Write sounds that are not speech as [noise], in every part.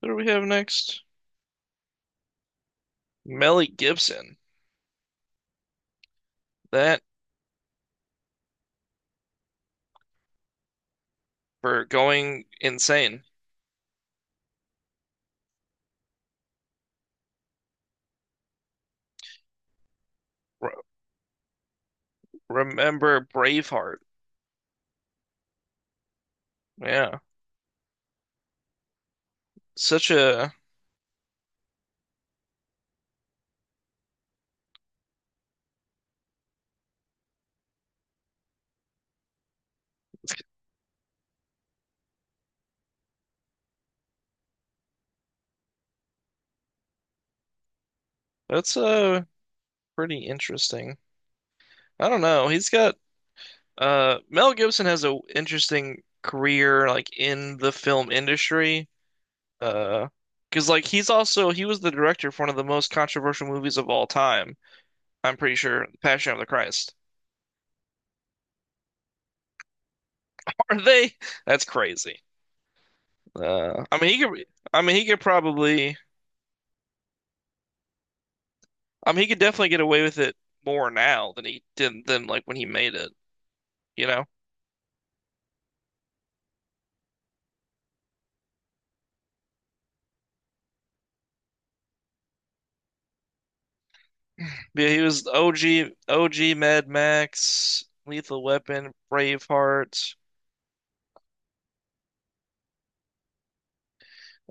What do we have next? Melly Gibson. That For going insane. Re Remember Braveheart. Yeah. Such a That's pretty interesting. I don't know. He's got Mel Gibson has a interesting career like in the film industry. Uh, because like he was the director for one of the most controversial movies of all time. I'm pretty sure Passion of the Christ. [laughs] Are they? That's crazy. Uh I mean he could I mean he could probably I mean, he could definitely get away with it more now than he did than like when he made it, you know? Yeah, he was OG OG Mad Max, Lethal Weapon, Braveheart.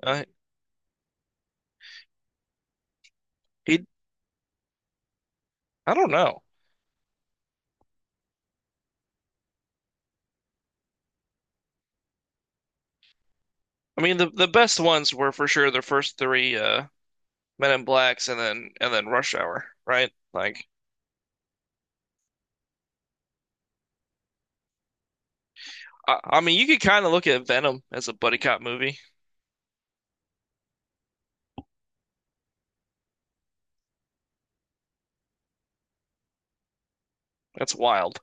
Uh, he I don't know. I mean, the best ones were for sure the first three Men in Blacks and then Rush Hour, right? Like I mean, you could kind of look at Venom as a buddy cop movie. That's wild.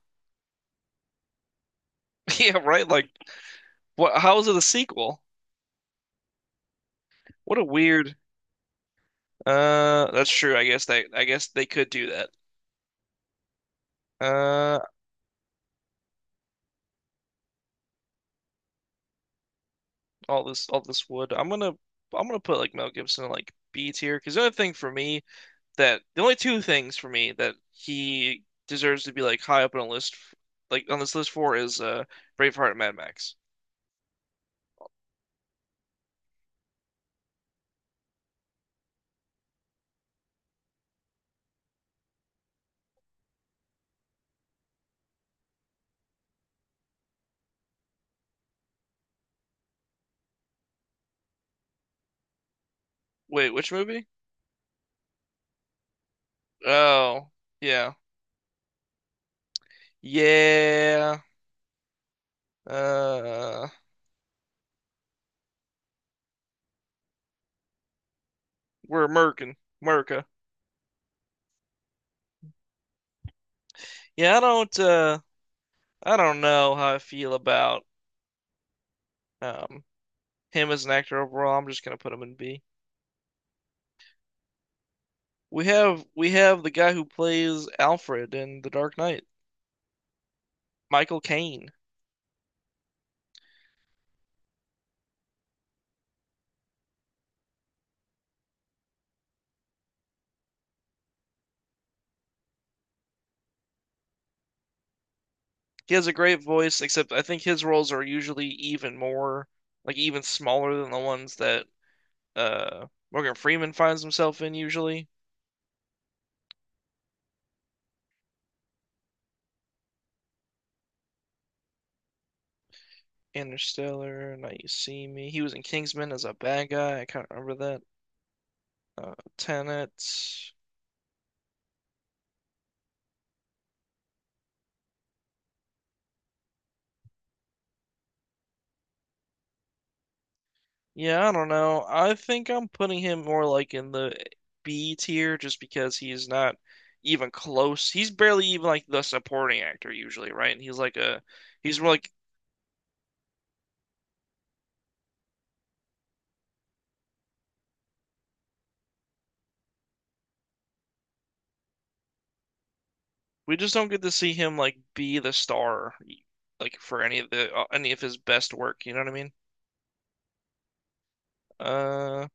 [laughs] Yeah, right? Like what how is it a sequel? What a weird That's true. I guess they could do that. Uh, all this wood. I'm gonna put like Mel Gibson in like B tier because the only two things for me that he deserves to be like high up on a list, like on this list for is Braveheart and Mad Max. Wait, which movie? Oh, yeah, yeah. Uh, we're American, America. Yeah, I don't know how I feel about um him as an actor overall. I'm just gonna put him in B. We have the guy who plays Alfred in The Dark Knight, Michael Caine. He has a great voice, except I think his roles are usually even more like even smaller than the ones that Morgan Freeman finds himself in usually. Interstellar, Now You See Me. He was in Kingsman as a bad guy. I can't remember that. Tenet. Yeah, I don't know. I think I'm putting him more like in the B tier just because he's not even close. He's barely even like the supporting actor usually, right? And he's more like we just don't get to see him like be the star like for any of the any of his best work, you know what I mean? Uh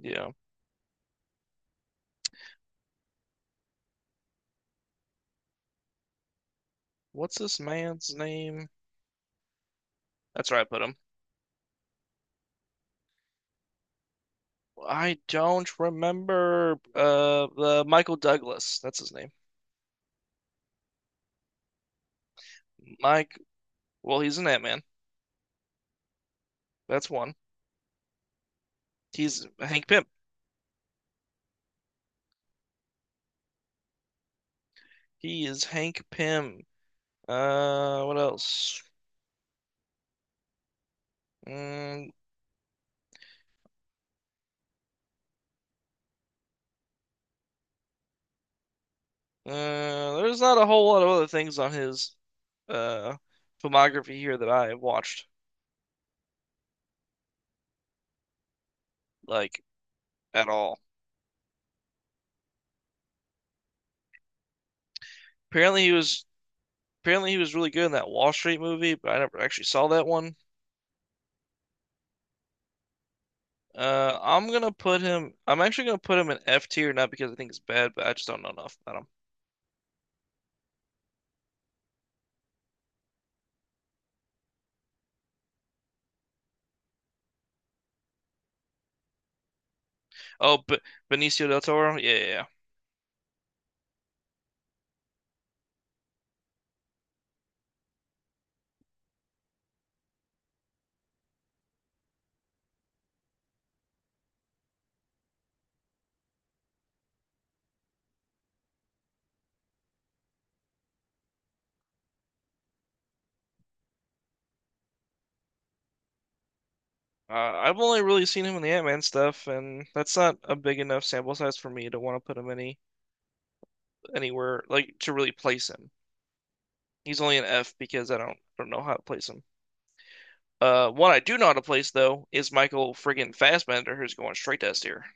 yeah. What's this man's name? That's where I put him. I don't remember the Michael Douglas. That's his name. Mike, well, he's an Ant-Man. That's one. He's Hank Pym. He is Hank Pym. What else? Mm, there's not a whole lot of other things on his uh filmography here that I watched like at all. Apparently he was apparently he was really good in that Wall Street movie, but I never actually saw that one. I'm actually gonna put him in F tier, not because I think it's bad, but I just don't know enough about him. Oh, but Benicio del Toro. Yeah, yeah, yeah. Uh, I've only really seen him in the Ant-Man stuff, and that's not a big enough sample size for me to want to put him anywhere like to really place him. He's only an F because I don't know how to place him. One I do know how to place though is Michael friggin' Fassbender, who's going straight to S tier.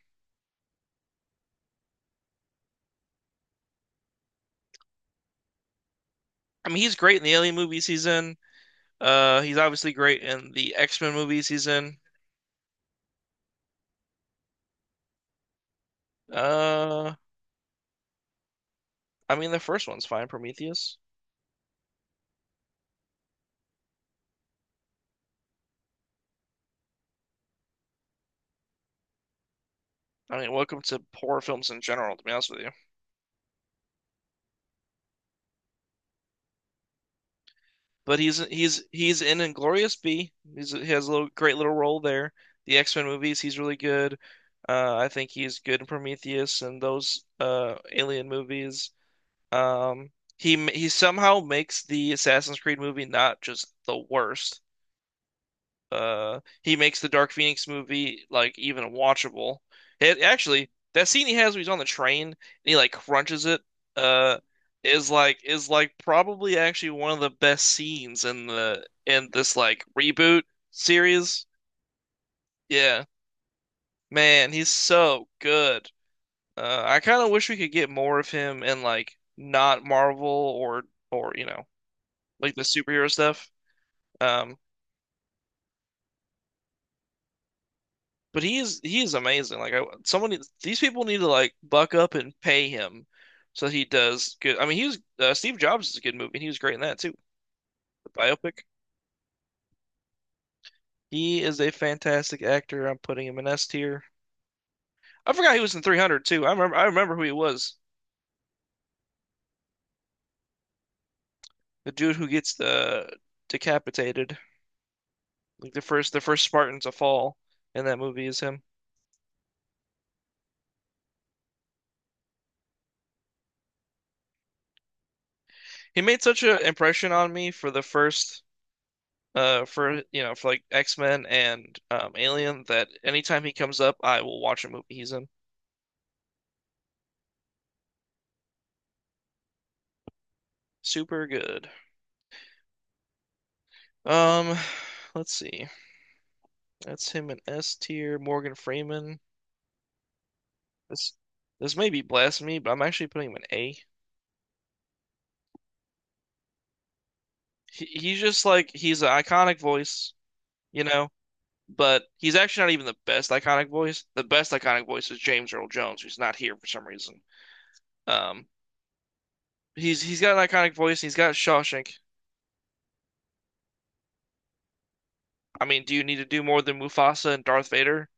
I mean, he's great in the Alien movies he's in. He's obviously great in the X-Men movies he's in. Uh, I mean, the first one's fine, Prometheus. I mean, welcome to poor films in general, to be honest with you. But he's in Inglorious B. He has a little great little role there. The X-Men movies, he's really good. I think he's good in Prometheus and those Alien movies. Um, he somehow makes the Assassin's Creed movie not just the worst, he makes the Dark Phoenix movie like even watchable. It actually that scene he has when he's on the train and he like crunches it uh is like probably actually one of the best scenes in the in this like reboot series. Yeah, man, he's so good. I kind of wish we could get more of him in like not Marvel or you know like the superhero stuff. Um, But he is amazing. Someone these people need to like buck up and pay him so he does good. I mean, he was Steve Jobs is a good movie, and he was great in that too. The biopic. He is a fantastic actor. I'm putting him in S tier. I forgot he was in 300 too. I remember who he was. The dude who gets the decapitated, like the first Spartan to fall in that movie is him. He made such an impression on me for the first for you know for like X-Men and Alien that anytime he comes up I will watch a movie he's in. Super good. Um [sighs] let's see. That's him in S tier, Morgan Freeman. This this may be blasphemy, but I'm actually putting him in A. He's just like he's an iconic voice, you know, but he's actually not even the best iconic voice. The best iconic voice is James Earl Jones, who's not here for some reason. Um he's got an iconic voice. He's got Shawshank. I mean, do you need to do more than Mufasa and Darth Vader?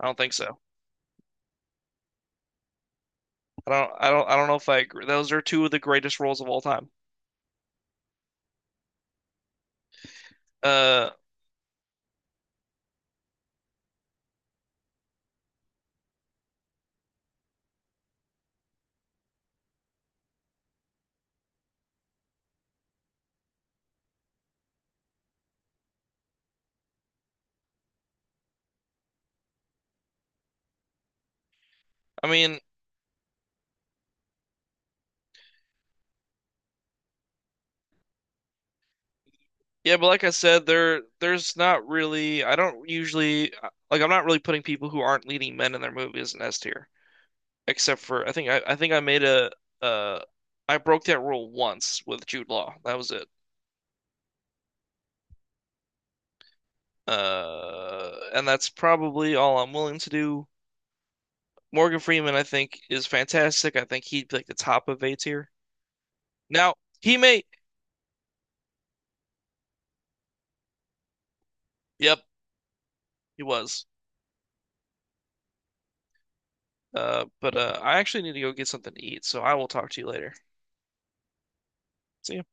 I don't think so. I don't I don't know if I agree. Those are two of the greatest roles of all time. Uh, I mean, yeah, but like I said, there's not really I don't usually like I'm not really putting people who aren't leading men in their movies in S tier, except for I think I made a uh I broke that rule once with Jude Law. That was it. And that's probably all I'm willing to do. Morgan Freeman, I think, is fantastic. I think he'd be like the top of A tier. Now, he may, yep, he was. But I actually need to go get something to eat, so I will talk to you later. See ya.